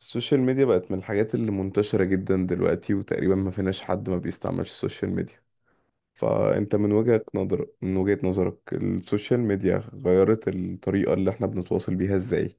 السوشيال ميديا بقت من الحاجات اللي منتشرة جدا دلوقتي، وتقريبا ما فيناش حد ما بيستعملش السوشيال ميديا. فأنت من وجهة نظرك السوشيال ميديا غيرت الطريقة اللي احنا بنتواصل بيها ازاي؟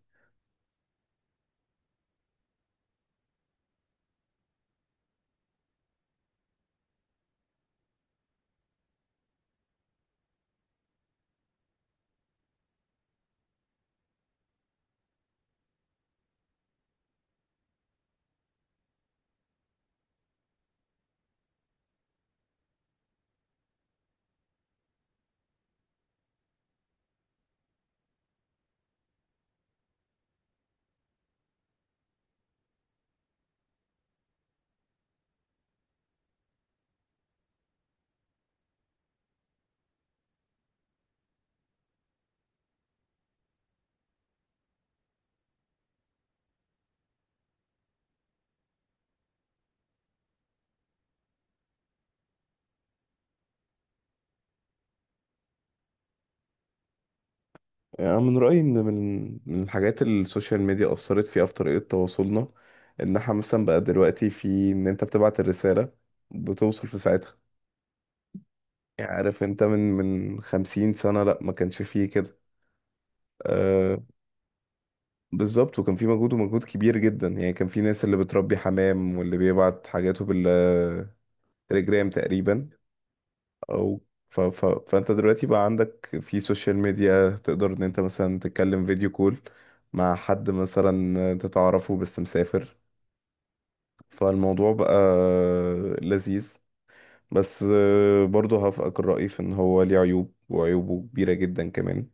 يعني من رأيي إن من الحاجات اللي السوشيال ميديا أثرت فيها في طريقة تواصلنا، إن احنا مثلا بقى دلوقتي في إن أنت بتبعت الرسالة بتوصل في ساعتها. يعني عارف أنت من خمسين سنة لأ، ما كانش فيه كده. آه، بالظبط. وكان في مجهود ومجهود كبير جدا. يعني كان في ناس اللي بتربي حمام واللي بيبعت حاجاته بالتليجرام تقريبا. او فانت دلوقتي بقى عندك في سوشيال ميديا، تقدر ان انت مثلا تتكلم فيديو كول مع حد مثلا انت تعرفه بس مسافر. فالموضوع بقى لذيذ. بس برضه هفقك الرأي في ان هو ليه عيوب، وعيوبه كبيرة جدا كمان.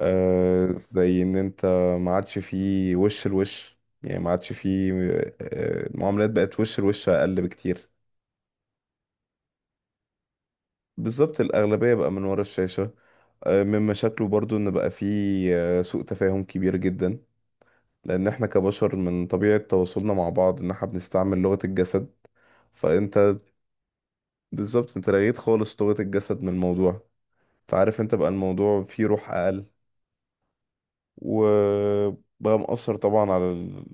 زي ان انت ما عادش فيه وش لوش، يعني ما عادش فيه. المعاملات بقت وش لوش اقل بكتير. بالظبط، الاغلبيه بقى من ورا الشاشه. من مشاكله برضو ان بقى فيه سوء تفاهم كبير جدا، لان احنا كبشر من طبيعه تواصلنا مع بعض ان احنا بنستعمل لغه الجسد. فانت، بالظبط، انت لغيت خالص لغه الجسد من الموضوع. فعارف انت بقى الموضوع فيه روح اقل. وبقى مأثر طبعا على ال...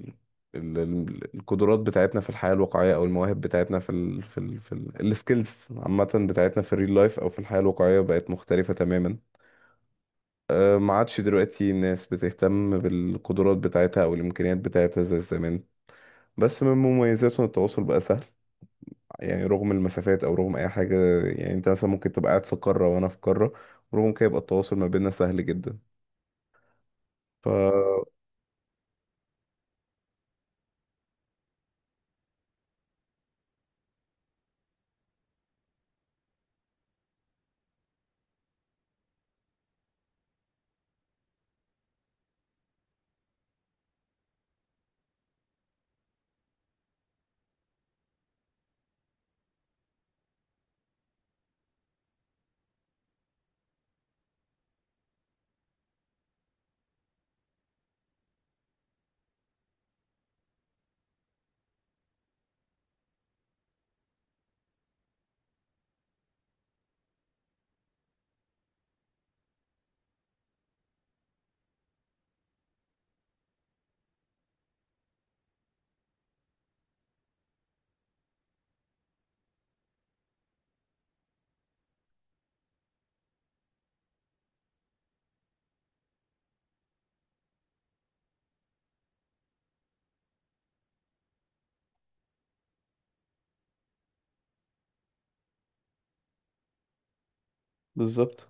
ال... ال- القدرات بتاعتنا في الحياة الواقعية أو المواهب بتاعتنا في السكيلز عامة بتاعتنا في الريل لايف أو في الحياة الواقعية بقت مختلفة تماما. ما عادش دلوقتي الناس بتهتم بالقدرات بتاعتها أو الإمكانيات بتاعتها زي زمان. بس من مميزاته إن التواصل بقى سهل، يعني رغم المسافات أو رغم أي حاجة. يعني أنت مثلا ممكن تبقى قاعد في قارة وأنا في قارة، ورغم كده يبقى التواصل ما بيننا سهل جدا. ف بالظبط.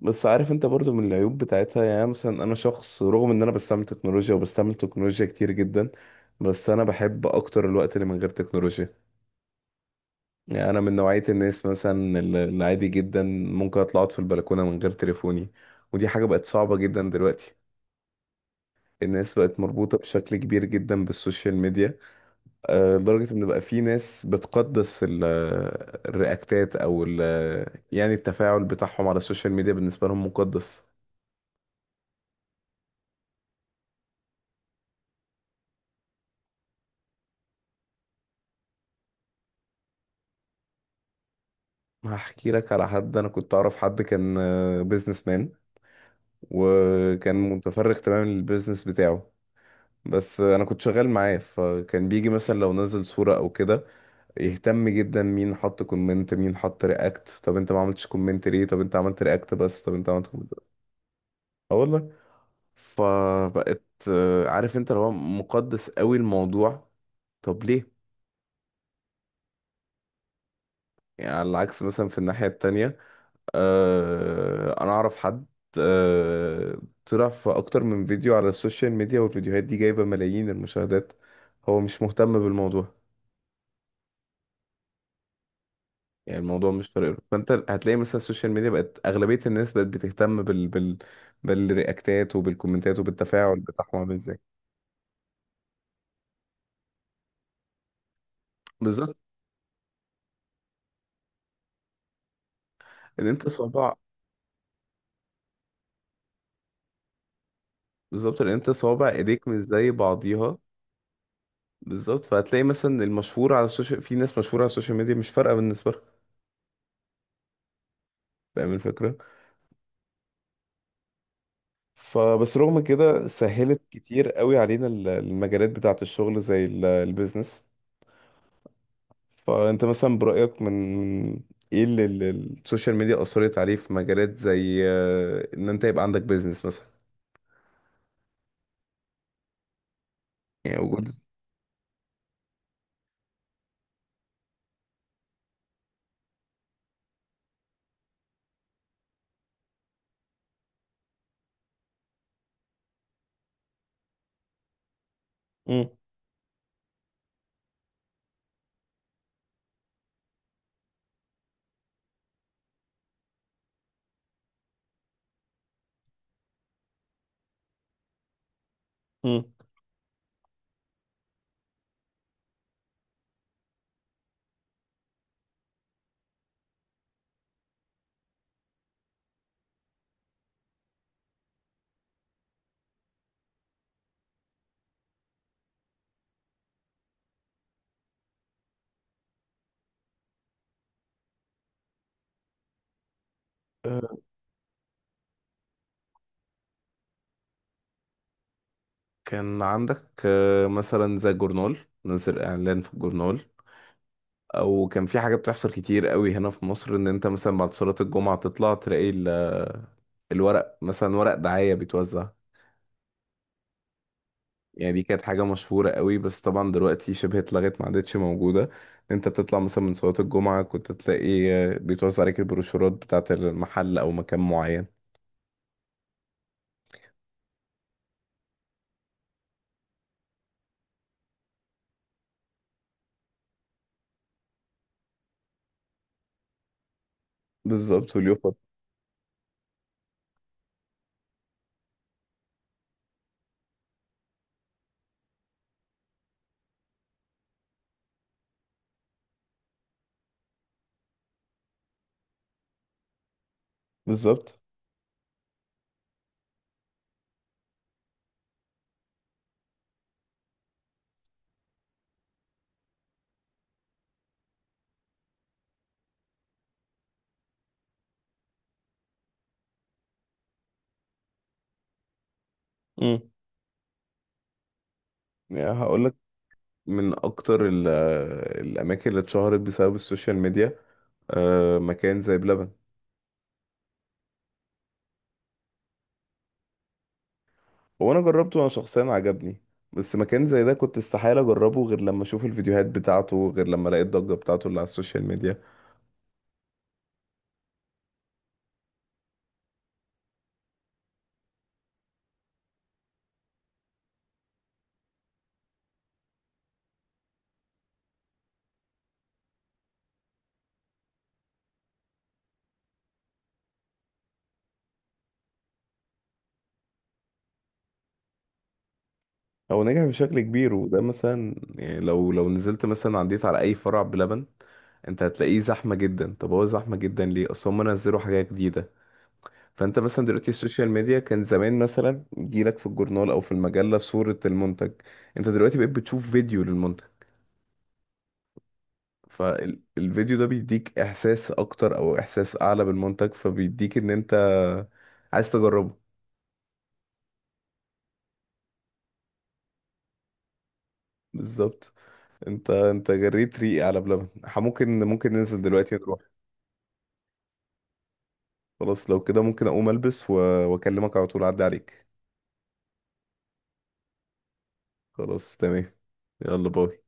بس عارف انت برضو من العيوب بتاعتها. يعني مثلا انا شخص، رغم ان انا بستعمل تكنولوجيا وبستعمل تكنولوجيا كتير جدا، بس انا بحب اكتر الوقت اللي من غير تكنولوجيا. يعني انا من نوعية الناس مثلا العادي جدا ممكن اطلع اقعد في البلكونة من غير تليفوني. ودي حاجة بقت صعبة جدا دلوقتي. الناس بقت مربوطة بشكل كبير جدا بالسوشيال ميديا، لدرجة ان بقى في ناس بتقدس الرياكتات، او يعني التفاعل بتاعهم على السوشيال ميديا بالنسبة لهم مقدس. هحكي لك على حد. انا كنت اعرف حد كان بيزنس مان، وكان متفرغ تماما للبيزنس بتاعه. بس انا كنت شغال معاه، فكان بيجي مثلا لو نزل صورة او كده يهتم جدا مين حط كومنت، مين حط رياكت، طب انت ما عملتش كومنت ليه، طب انت عملت رياكت بس، طب انت عملت كومنت بس. اه والله. فبقت عارف انت اللي هو مقدس قوي الموضوع. طب ليه؟ يعني على العكس مثلا في الناحية التانية، انا اعرف حد آه، طلع في اكتر من فيديو على السوشيال ميديا، والفيديوهات دي جايبة ملايين المشاهدات، هو مش مهتم بالموضوع. يعني الموضوع مش فارق له. فانت هتلاقي مثلا السوشيال ميديا بقت اغلبية الناس بقت بتهتم بالرياكتات وبالكومنتات وبالتفاعل بتاعهم عامل ازاي. بالظبط. ان انت صوابع بالظبط، ان انت صوابع ايديك مش زي بعضيها. بالظبط، فهتلاقي مثلا المشهور على السوشيال، في ناس مشهورة على السوشيال ميديا مش فارقة بالنسبة لها. فاهم الفكرة؟ فبس رغم كده سهلت كتير قوي علينا المجالات بتاعة الشغل زي البيزنس. فانت مثلا برأيك، من ايه اللي السوشيال ميديا أثرت عليه في مجالات زي ان انت يبقى عندك بيزنس مثلا، يعني وجود. مم. مم. آه، كان عندك مثلا زي الجورنال، نزل اعلان في الجورنال. او كان في حاجه بتحصل كتير قوي هنا في مصر، ان انت مثلا بعد صلاه الجمعه تطلع تلاقي الورق، مثلا ورق دعايه بيتوزع. يعني دي كانت حاجة مشهورة قوي، بس طبعا دلوقتي شبه اتلغت، ما عادتش موجودة. انت بتطلع مثلا من صلاة الجمعة كنت تلاقي بيتوزع عليك البروشورات بتاعة المحل او مكان معين. بالظبط، واليوفط. بالظبط. امم يعني هقول لك، من اكتر الاماكن اللي اتشهرت بسبب السوشيال ميديا مكان زي بلبن. هو انا جربته، انا شخصيا عجبني، بس مكان زي ده كنت استحالة اجربه غير لما اشوف الفيديوهات بتاعته، غير لما الاقي الضجة بتاعته اللي على السوشيال ميديا. هو نجح بشكل كبير. وده مثلا يعني لو نزلت مثلا عديت على اي فرع بلبن، انت هتلاقيه زحمه جدا. طب هو زحمه جدا ليه؟ اصل هم نزلوا حاجه جديده. فانت مثلا دلوقتي السوشيال ميديا، كان زمان مثلا يجيلك في الجورنال او في المجله صوره المنتج، انت دلوقتي بقيت بتشوف فيديو للمنتج. فالفيديو ده بيديك احساس اكتر او احساس اعلى بالمنتج، فبيديك ان انت عايز تجربه. بالظبط. انت جريت ريقي على بلبن. ممكن ننزل دلوقتي نروح. خلاص، لو كده ممكن اقوم البس واكلمك على طول اعدي عليك. خلاص، تمام. يلا، باي.